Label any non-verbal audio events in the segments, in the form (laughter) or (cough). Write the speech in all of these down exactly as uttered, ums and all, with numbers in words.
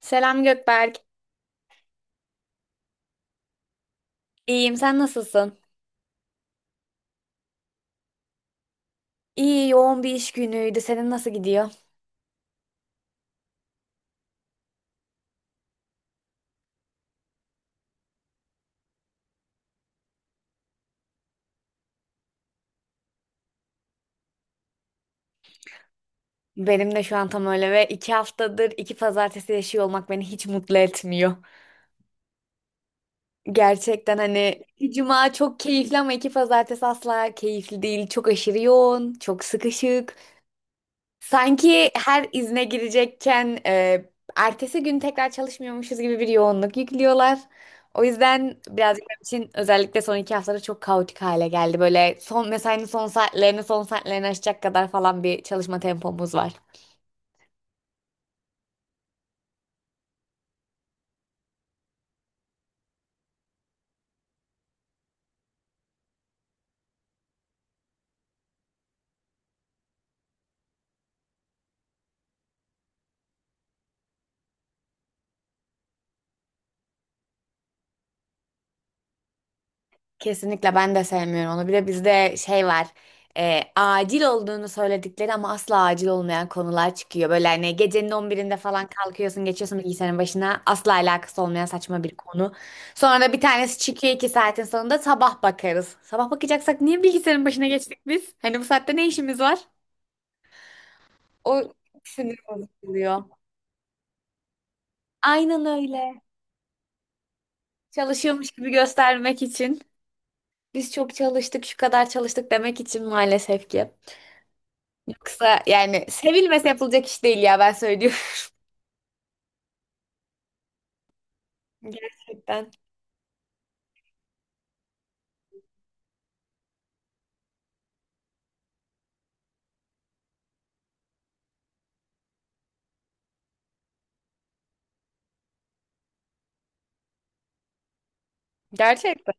Selam Gökberk. İyiyim, sen nasılsın? İyi, yoğun bir iş günüydü. Senin nasıl gidiyor? Benim de şu an tam öyle ve iki haftadır iki pazartesi yaşıyor olmak beni hiç mutlu etmiyor. Gerçekten hani iki cuma çok keyifli ama iki pazartesi asla keyifli değil. Çok aşırı yoğun, çok sıkışık. Sanki her izne girecekken e, ertesi gün tekrar çalışmıyormuşuz gibi bir yoğunluk yüklüyorlar. O yüzden birazcık benim için özellikle son iki haftada çok kaotik hale geldi. Böyle son mesainin son saatlerini son saatlerini aşacak kadar falan bir çalışma tempomuz var. Kesinlikle ben de sevmiyorum onu. Bir de bizde şey var. E, acil olduğunu söyledikleri ama asla acil olmayan konular çıkıyor. Böyle hani gecenin on birinde falan kalkıyorsun, geçiyorsun bilgisayarın başına. Asla alakası olmayan saçma bir konu. Sonra da bir tanesi çıkıyor iki saatin sonunda sabah bakarız. Sabah bakacaksak niye bilgisayarın başına geçtik biz? Hani bu saatte ne işimiz var? O sinir bozuluyor. Aynen öyle. Çalışıyormuş gibi göstermek için. Biz çok çalıştık, şu kadar çalıştık demek için maalesef ki. Yoksa yani sevilmese yapılacak iş değil ya, ben söylüyorum. (laughs) Gerçekten. Gerçekten.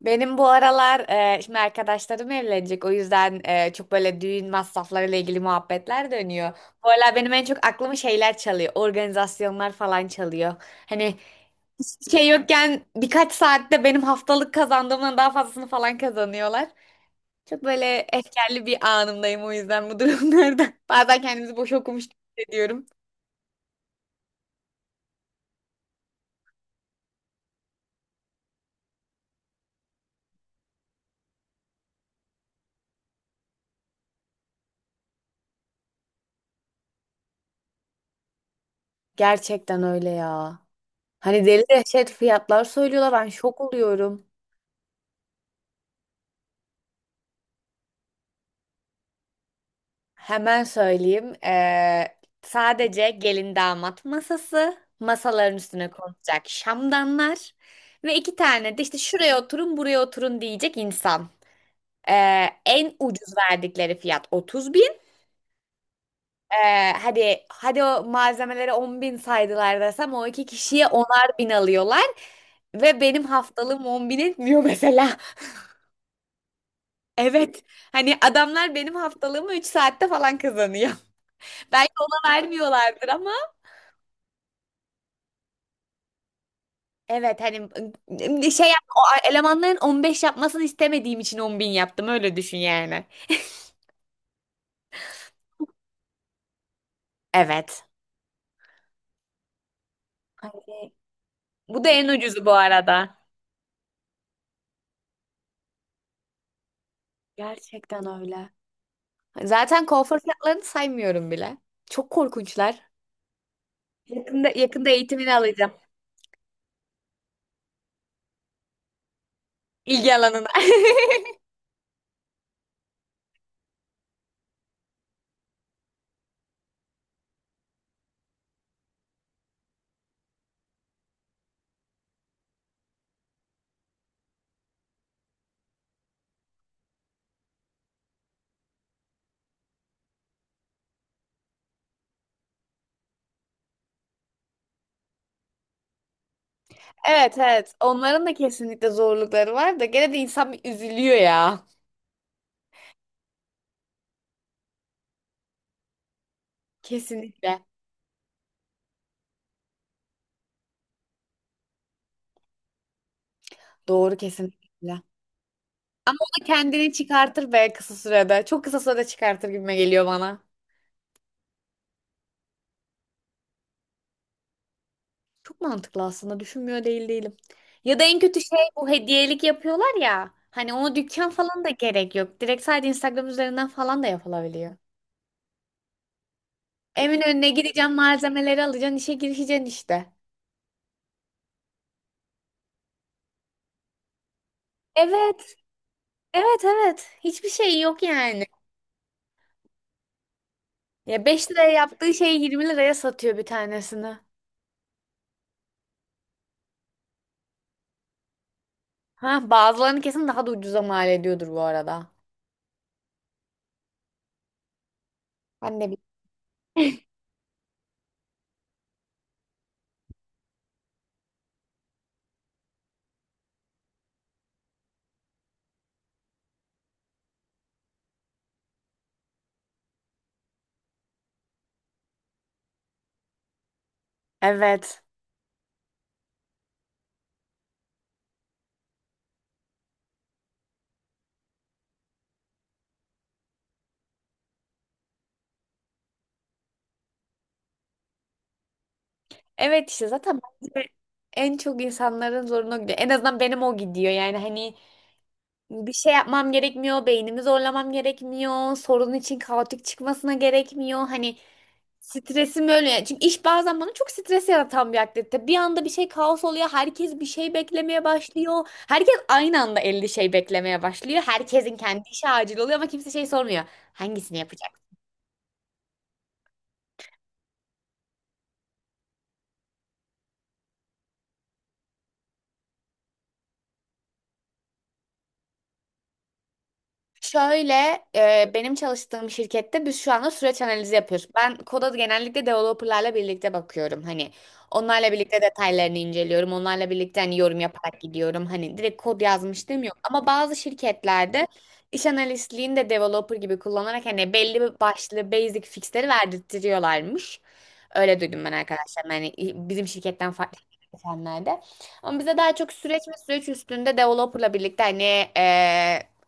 Benim bu aralar e, şimdi arkadaşlarım evlenecek. O yüzden e, çok böyle düğün masraflarıyla ilgili muhabbetler dönüyor. Bu aralar benim en çok aklımı şeyler çalıyor. Organizasyonlar falan çalıyor. Hani hiçbir şey yokken birkaç saatte benim haftalık kazandığımdan daha fazlasını falan kazanıyorlar. Çok böyle efkarlı bir anımdayım o yüzden bu durumlarda. (laughs) Bazen kendimizi boş okumuş gibi hissediyorum. Gerçekten öyle ya. Hani deli dehşet fiyatlar söylüyorlar. Ben şok oluyorum. Hemen söyleyeyim. Ee, sadece gelin damat masası, masaların üstüne konulacak şamdanlar ve iki tane de işte şuraya oturun, buraya oturun diyecek insan. Ee, en ucuz verdikleri fiyat otuz bin. Ee, hadi hadi o malzemelere on bin saydılar desem o iki kişiye onar bin alıyorlar. Ve benim haftalığım on bin etmiyor mesela. (laughs) Evet. Hani adamlar benim haftalığımı üç saatte falan kazanıyor. (laughs) Belki ona vermiyorlardır ama evet, hani ım, şey yap- o elemanların on beş yapmasını istemediğim için on bin yaptım, öyle düşün yani. Evet. Hani bu da en ucuzu bu arada. Gerçekten öyle. Zaten kuaför fiyatlarını saymıyorum bile. Çok korkunçlar. Yakında yakında eğitimini alacağım. İlgi alanına. (laughs) Evet, evet. Onların da kesinlikle zorlukları var da gene de insan bir üzülüyor ya. Kesinlikle. Doğru, kesinlikle. Ama o da kendini çıkartır be kısa sürede. Çok kısa sürede çıkartır gibime geliyor bana. Çok mantıklı aslında. Düşünmüyor değil değilim. Ya da en kötü şey bu hediyelik yapıyorlar ya. Hani ona dükkan falan da gerek yok. Direkt sadece Instagram üzerinden falan da yapılabiliyor. Evin önüne gideceğim, malzemeleri alacaksın, işe girişeceksin işte. Evet, evet, evet. Hiçbir şey yok yani. Ya beş liraya yaptığı şeyi yirmi liraya satıyor bir tanesini. Ha, bazılarını kesin daha da ucuza mal ediyordur bu arada. Ben de. Evet. Evet, işte zaten bence en çok insanların zoruna gidiyor. En azından benim o gidiyor. Yani hani bir şey yapmam gerekmiyor, beynimi zorlamam gerekmiyor, sorun için kaotik çıkmasına gerekmiyor. Hani stresim öyle, yani. Çünkü iş bazen bana çok stres yaratan bir aktivite. Bir anda bir şey kaos oluyor, herkes bir şey beklemeye başlıyor. Herkes aynı anda elli şey beklemeye başlıyor. Herkesin kendi işi acil oluyor ama kimse şey sormuyor. Hangisini yapacak? Şöyle e, benim çalıştığım şirkette biz şu anda süreç analizi yapıyoruz. Ben koda genellikle developerlarla birlikte bakıyorum. Hani onlarla birlikte detaylarını inceliyorum. Onlarla birlikte hani yorum yaparak gidiyorum. Hani direkt kod yazmışlığım yok. Ama bazı şirketlerde iş analistliğini de developer gibi kullanarak hani belli bir başlı basic fixleri verdirtiyorlarmış. Öyle duydum ben arkadaşlarım. Hani bizim şirketten farklı geçenlerde. Ama bize daha çok süreç ve süreç üstünde developerla birlikte hani e,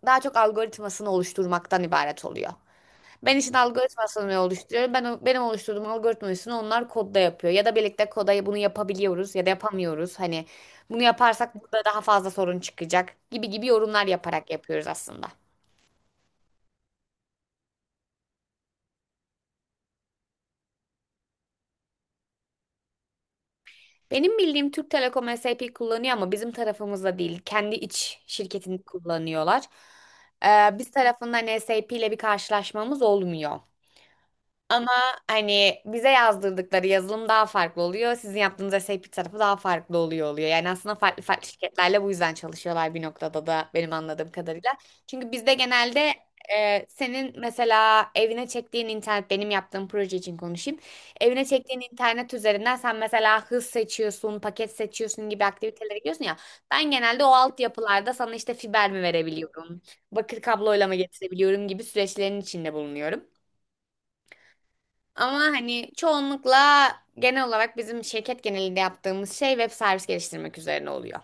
daha çok algoritmasını oluşturmaktan ibaret oluyor. Ben işin algoritmasını oluşturuyorum. Ben o- benim oluşturduğum algoritmasını onlar kodda yapıyor. Ya da birlikte koda bunu yapabiliyoruz ya da yapamıyoruz. Hani bunu yaparsak burada daha fazla sorun çıkacak gibi gibi yorumlar yaparak yapıyoruz aslında. Benim bildiğim Türk Telekom S A P kullanıyor ama bizim tarafımızda değil. Kendi iç şirketini kullanıyorlar. Ee, biz tarafından S A P ile bir karşılaşmamız olmuyor. Ama hani bize yazdırdıkları yazılım daha farklı oluyor. Sizin yaptığınız S A P tarafı daha farklı oluyor oluyor. Yani aslında farklı farklı şirketlerle bu yüzden çalışıyorlar bir noktada da benim anladığım kadarıyla. Çünkü bizde genelde e, senin mesela evine çektiğin internet benim yaptığım proje için konuşayım. Evine çektiğin internet üzerinden sen mesela hız seçiyorsun, paket seçiyorsun gibi aktivitelere gidiyorsun ya. Ben genelde o altyapılarda sana işte fiber mi verebiliyorum, bakır kabloyla mı getirebiliyorum gibi süreçlerin içinde bulunuyorum. Ama hani çoğunlukla genel olarak bizim şirket genelinde yaptığımız şey web servis geliştirmek üzerine oluyor.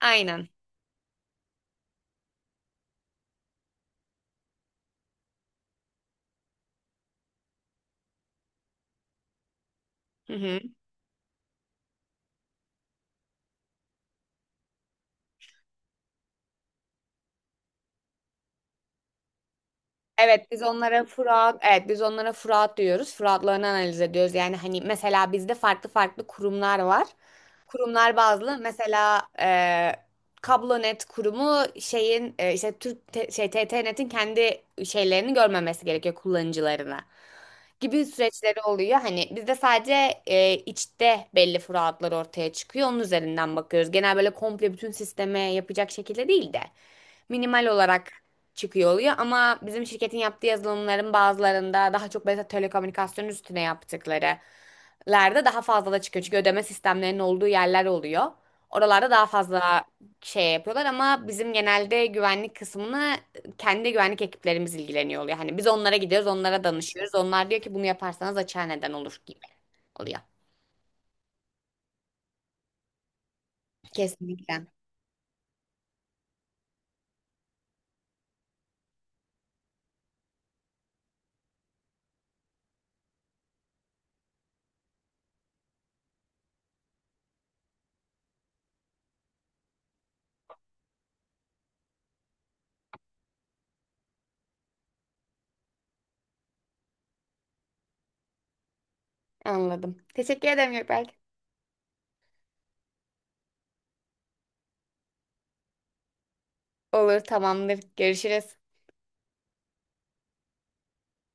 Aynen. Hı hı. Evet biz onlara Fırat, evet biz onlara Fırat diyoruz. Fıratlarını analiz ediyoruz. Yani hani mesela bizde farklı farklı kurumlar var. Kurumlar bazlı. Mesela e, Kablonet kurumu şeyin e, işte Türk te- şey TTNet'in kendi şeylerini görmemesi gerekiyor kullanıcılarına gibi süreçleri oluyor. Hani bizde sadece e, içte belli fıratlar ortaya çıkıyor. Onun üzerinden bakıyoruz. Genel böyle komple bütün sisteme yapacak şekilde değil de minimal olarak çıkıyor oluyor ama bizim şirketin yaptığı yazılımların bazılarında daha çok mesela telekomünikasyon üstüne yaptıkları lerde daha fazla da çıkıyor. Çünkü ödeme sistemlerinin olduğu yerler oluyor. Oralarda daha fazla şey yapıyorlar ama bizim genelde güvenlik kısmını kendi güvenlik ekiplerimiz ilgileniyor oluyor. Hani biz onlara gidiyoruz, onlara danışıyoruz. Onlar diyor ki bunu yaparsanız açığa neden olur gibi oluyor. Kesinlikle. Anladım. Teşekkür ederim Gökberk. Olur, tamamdır. Görüşürüz.